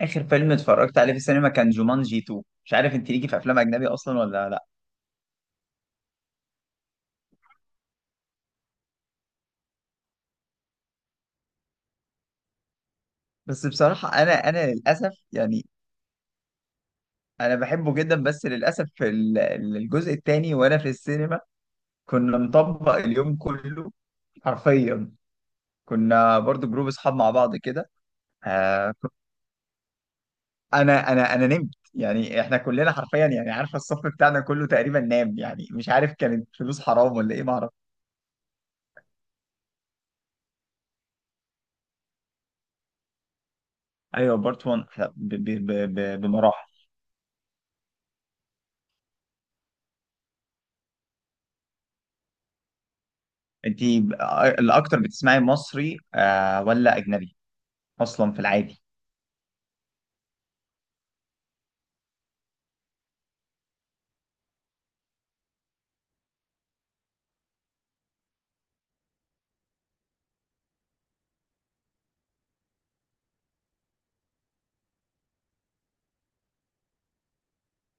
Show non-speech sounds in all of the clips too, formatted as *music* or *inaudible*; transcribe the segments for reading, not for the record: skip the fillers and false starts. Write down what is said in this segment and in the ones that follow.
اخر فيلم اتفرجت عليه في السينما كان جومانجي 2. مش عارف انت ليكي في افلام اجنبي اصلا ولا لا؟ بس بصراحه انا للاسف يعني انا بحبه جدا، بس للاسف الجزء الثاني وانا في السينما كنا مطبق اليوم كله حرفيا. كنا برضو جروب اصحاب مع بعض كده. آه، انا نمت، يعني احنا كلنا حرفيا، يعني عارفه الصف بتاعنا كله تقريبا نام. يعني مش عارف كانت فلوس حرام ولا ايه، ما اعرف. ايوه، بارت 1 بمراحل. انت الاكتر بتسمعي مصري آه ولا اجنبي اصلا في العادي؟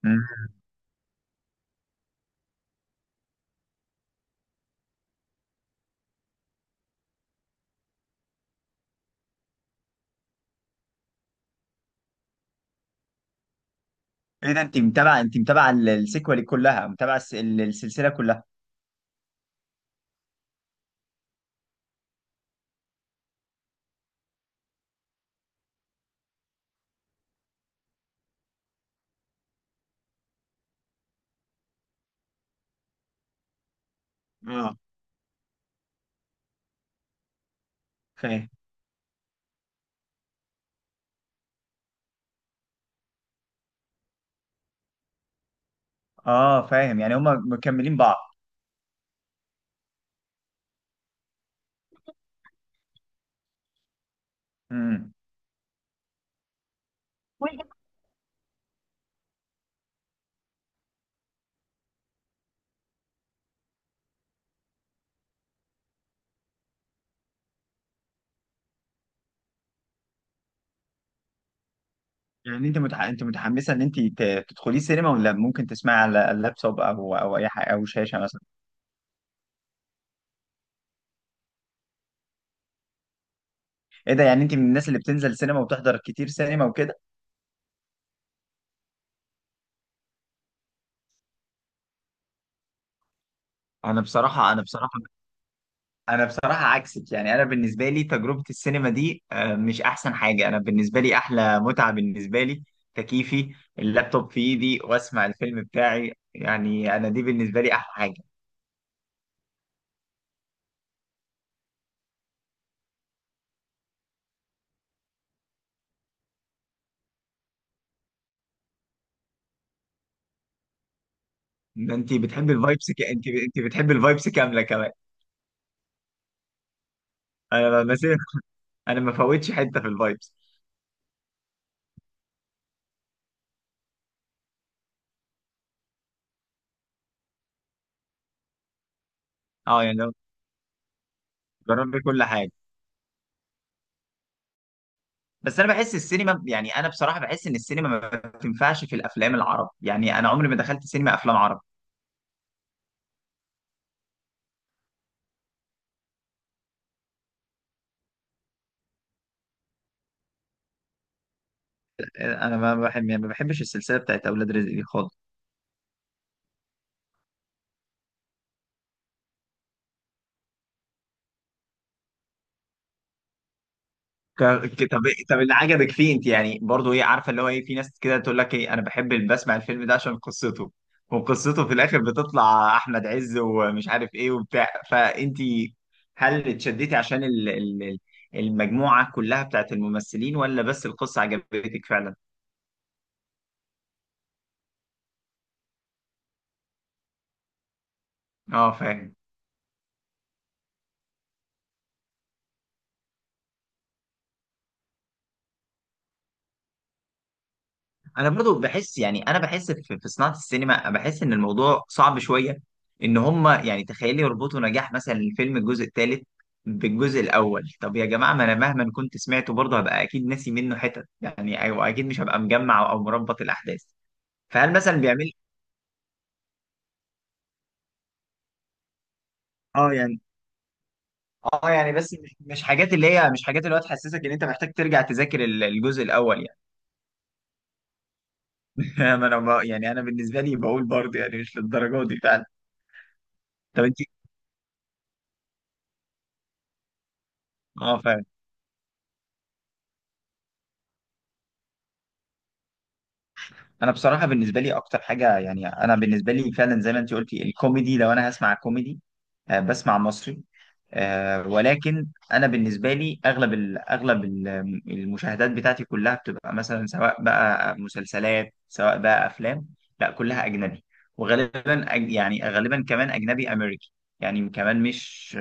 مم. ايه ده، انت متابعه السيكوال كلها، متابعه السلسله كلها؟ اه، فاهم. اه فاهم، يعني هما مكملين بعض. مم. طيب. يعني انت متحمسه ان انت تدخلي سينما، ولا ممكن تسمعي على اللابتوب او اي حاجه، او شاشه مثلا؟ ايه ده، يعني انت من الناس اللي بتنزل سينما وتحضر كتير سينما وكده؟ انا بصراحه انا بصراحه عكسك. يعني انا بالنسبه لي تجربه السينما دي آه، مش احسن حاجه. انا بالنسبه لي احلى متعه بالنسبه لي تكييفي، اللابتوب في ايدي، واسمع الفيلم بتاعي. يعني انا دي بالنسبه لي احلى حاجه. انت بتحبي الفايبس انت بتحبي الفايبس كامله كمان؟ انا مثلا انا ما فوتش حته في الفايبس. اه يعني، جربي كل حاجه. بس انا بحس السينما، يعني انا بصراحه بحس ان السينما ما تنفعش في الافلام العربي. يعني انا عمري ما دخلت سينما افلام عربي. انا ما بحب، يعني ما بحبش السلسله بتاعت اولاد رزق دي خالص. طب إيه، طب اللي عجبك فيه انت يعني؟ برضو ايه، عارفه اللي هو ايه، في ناس كده تقول لك ايه، انا بحب بسمع الفيلم ده عشان قصته، وقصته في الاخر بتطلع احمد عز ومش عارف ايه وبتاع، فانت هل اتشدتي عشان المجموعه كلها بتاعت الممثلين، ولا بس القصه عجبتك فعلا؟ اه، فاهم. انا برضو بحس، يعني انا بحس في صناعه السينما بحس ان الموضوع صعب شويه، ان هم يعني تخيل يربطوا نجاح مثلا الفيلم الجزء الثالث بالجزء الاول. طب يا جماعه، ما انا مهما كنت سمعته برضه هبقى اكيد ناسي منه حتت، يعني او اكيد مش هبقى مجمع او مربط الاحداث. فهل مثلا بيعمل؟ اه يعني، بس مش حاجات اللي هي مش حاجات اللي هو تحسسك ان انت محتاج ترجع تذاكر الجزء الاول يعني. *laughs* ما انا يعني انا بالنسبه لي بقول برضه يعني مش للدرجه دي فعلا. طب انت. اه فعلا. انا بصراحه بالنسبه لي اكتر حاجه، يعني انا بالنسبه لي فعلا زي ما انت قلتي الكوميدي. لو انا هسمع كوميدي آه، بسمع مصري. آه، ولكن انا بالنسبه لي اغلب ال، المشاهدات بتاعتي كلها بتبقى مثلا سواء بقى مسلسلات سواء بقى افلام، لا، كلها اجنبي. وغالبا يعني غالبا كمان اجنبي امريكي. يعني كمان مش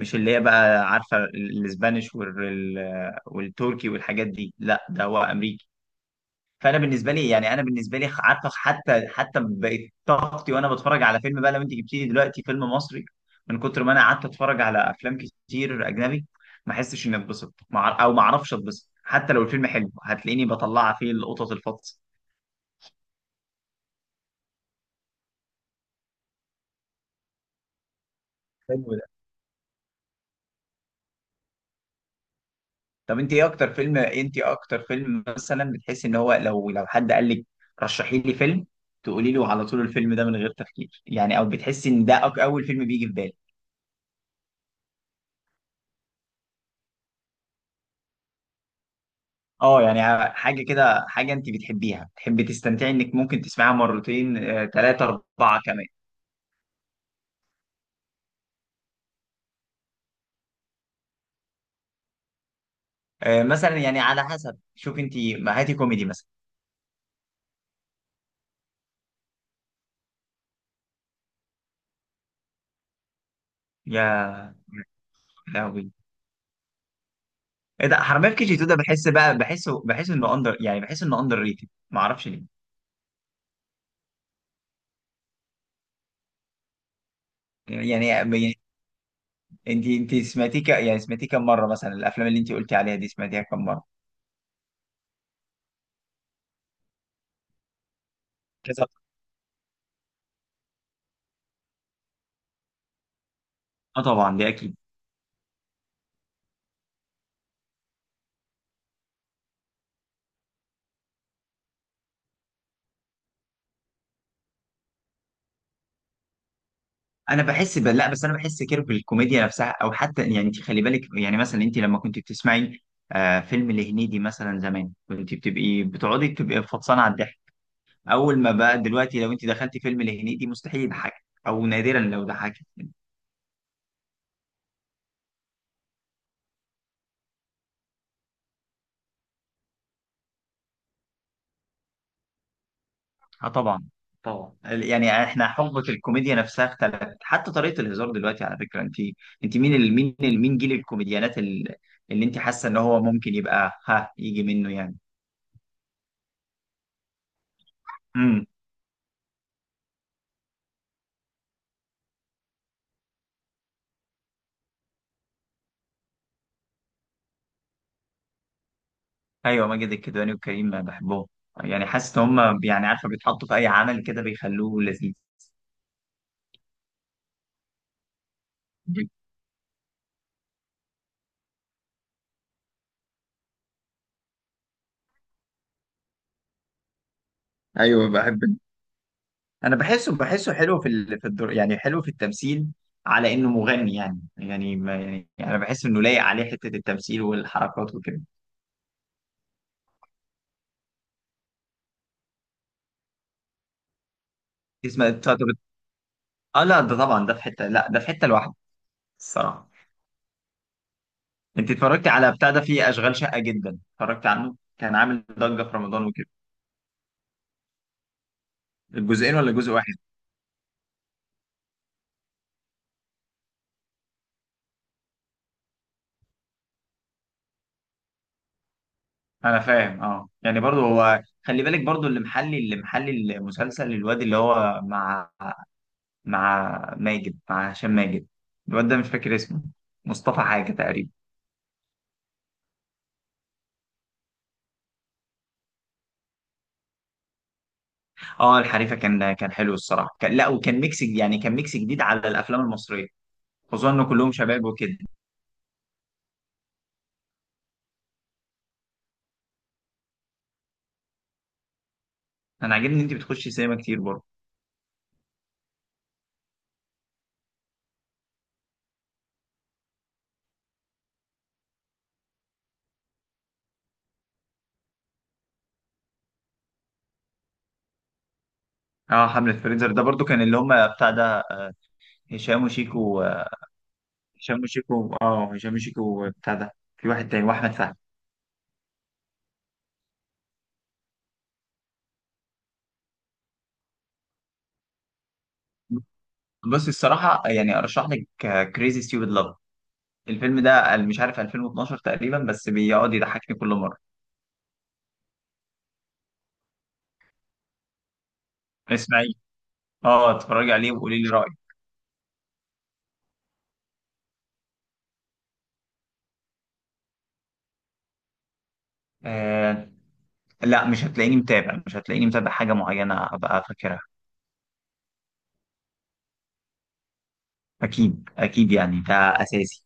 مش اللي هي بقى عارفه الاسبانيش وال- والتركي والحاجات دي، لا، ده هو امريكي. فانا بالنسبه لي، يعني انا بالنسبه لي عارفه، حتى بقت طاقتي وانا بتفرج على فيلم بقى، لو انت جبتي لي دلوقتي فيلم مصري، من كتر ما انا قعدت اتفرج على افلام كتير اجنبي، ما احسش اني اتبسط او ما اعرفش اتبسط. حتى لو الفيلم حلو، هتلاقيني بطلع فيه القطط الفطس. حلو ده. طب انت ايه اكتر فيلم مثلا بتحسي ان هو، لو حد قال لك رشحي لي فيلم، تقولي له على طول الفيلم ده من غير تفكير، يعني او بتحسي ان ده اول فيلم بيجي في بالك؟ اه يعني، حاجة كده، حاجة انت بتحبيها، بتحبي تستمتعي انك ممكن تسمعها مرتين، آه، تلاتة اربعة كمان. آه، مثلا يعني على حسب، شوف انت، ما هاتي كوميدي مثلا. يا لهوي! ايه ده، حرامية في كي جي 2 ده بحس بقى، بحس انه اندر، يعني بحس انه اندر ريتد، ما اعرفش ليه. يعني انت سمعتيه يعني سمعتيه كم مرة مثلا؟ الافلام اللي انت قلتي عليها دي سمعتيها كم مرة؟ كذا. اه طبعا، دي اكيد. انا بحس لا، بس انا بحس كده بالكوميديا نفسها او حتى، يعني انت خلي بالك، يعني مثلا انت لما كنت بتسمعي آه فيلم لهنيدي مثلا زمان، كنت بتبقي فطسانه على الضحك. اول ما بقى دلوقتي لو انت دخلتي فيلم لهنيدي مستحيل يضحكك، او نادرا لو ضحكك. اه طبعا. طبعا، يعني احنا حقبه الكوميديا نفسها اختلفت، حتى طريقه الهزار دلوقتي. على فكره انت، مين جيل الكوميديانات اللي انت حاسه ان هو ممكن يبقى، ها، يجي منه يعني؟ إمم. ايوه، ماجد الكدواني وكريم، أنا بحبهم. يعني حاسس ان هم، يعني عارفه، بيتحطوا في اي عمل كده بيخلوه لذيذ. ايوه بحب. انا بحسه حلو في الدور، يعني حلو في التمثيل، على انه مغني. يعني ما يعني انا بحس انه لايق عليه حته التمثيل والحركات وكده. اسمه طب- اه لا، ده طبعا ده في حته، لا ده في حته لوحده الصراحه. انت اتفرجتي على بتاع ده، فيه اشغال شقه جدا، اتفرجت عنه كان عامل ضجه في رمضان وكده؟ الجزئين ولا جزء واحد؟ انا فاهم. اه يعني، برضو هو خلي بالك، برضو اللي محلي، المسلسل، الواد اللي هو مع، مع ماجد مع هشام ماجد، الواد ده مش فاكر اسمه، مصطفى حاجة تقريبا. اه، الحريفة كان حلو الصراحة، كان، لا، وكان ميكس، يعني كان ميكس جديد على الافلام المصرية، خصوصا ان كلهم شباب وكده. انا عاجبني ان انت بتخشي سينما كتير برضو. اه، حملة فريزر ده برضو كان اللي هم بتاع ده، هشام وشيكو. هشام وشيكو، اه، هشام وشيكو بتاع ده، في واحد تاني واحمد فهمي. بصي الصراحة، يعني أرشح لك كريزي ستيوبد لاف. الفيلم ده مش عارف 2012 تقريبا، بس بيقعد يضحكني كل مرة. اسمعي، اه اتفرجي عليه وقولي لي رأيك. آه لا، مش هتلاقيني متابع حاجة معينة أبقى فاكرها. أكيد أكيد، يعني ده أساسي.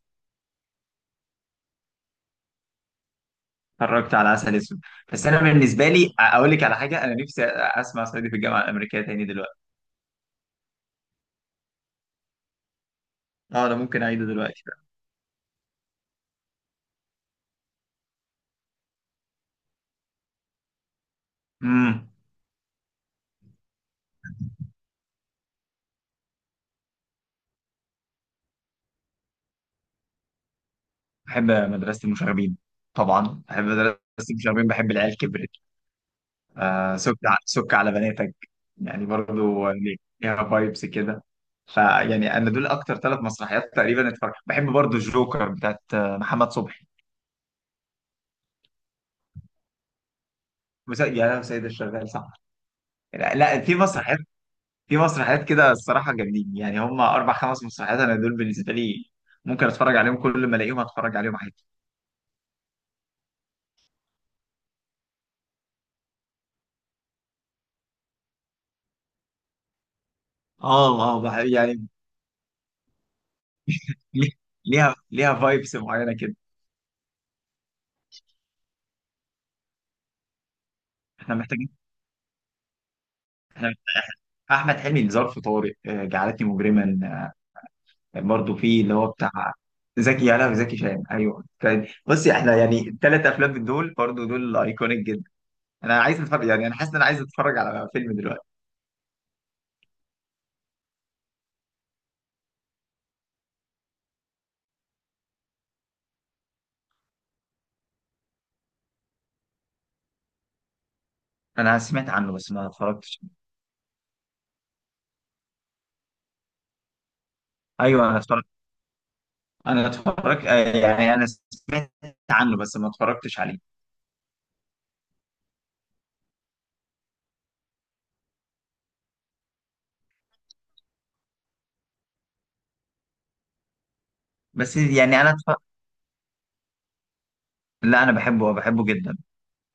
اتفرجت على عسل أسود. بس أنا بالنسبة لي أقول لك على حاجة: أنا نفسي أسمع صعيدي في الجامعة الأمريكية تاني دلوقتي. اه، أنا ممكن أعيده دلوقتي. امم. بحب مدرسة المشاغبين. طبعا، بحب مدرسة المشاغبين، بحب العيال كبرت، آه سك على بناتك، يعني برضو ليها فايبس كده. فيعني انا دول اكتر 3 مسرحيات تقريبا اتفرجت. بحب برضو الجوكر بتاعت آه، محمد صبحي. يا لهوي، سيد الشغال، صح؟ لا لا، في مسرحيات كده الصراحه جامدين. يعني هم 4 5 مسرحيات، انا دول بالنسبه لي ممكن اتفرج عليهم كل ما الاقيهم اتفرج عليهم عادي. اه، اه، يعني، ليه- ليها فايبس معينه كده. احنا محتاجين، احنا، احمد حلمي، ظرف طارق، آه، جعلتني مجرما. برضه في اللي هو بتاع زكي يانا وزكي شان. ايوه كان، بصي، احنا يعني الثلاث افلام من دول برضه، دول ايكونيك جدا. انا عايز اتفرج، يعني انا حاسس ان انا عايز اتفرج على فيلم دلوقتي. انا سمعت عنه بس ما اتفرجتش. ايوه، انا اتفرجت، آه، يعني انا سمعت عنه بس ما اتفرجتش عليه. بس يعني لا، انا بحبه بحبه جدا.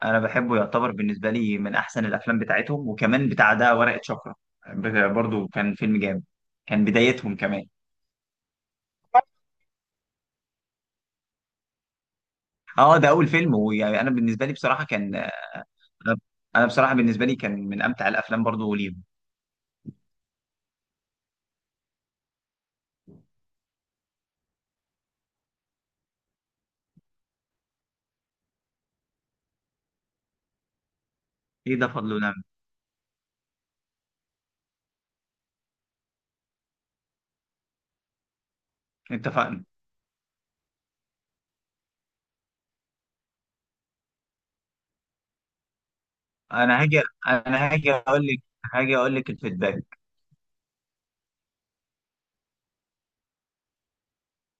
انا بحبه، يعتبر بالنسبه لي من احسن الافلام بتاعتهم. وكمان بتاع ده ورقه شفره، برضه كان فيلم جامد. كان بدايتهم كمان. اه، ده اول فيلم. ويعني انا بالنسبه لي بصراحه كان، انا أنا بصراحه بالنسبه لي كان من امتع الافلام برضو ليهم. ايه ده، فضل ونعم. اتفقنا. انا هاجي انا هاجي اقول لك هاجي اقول لك الفيدباك.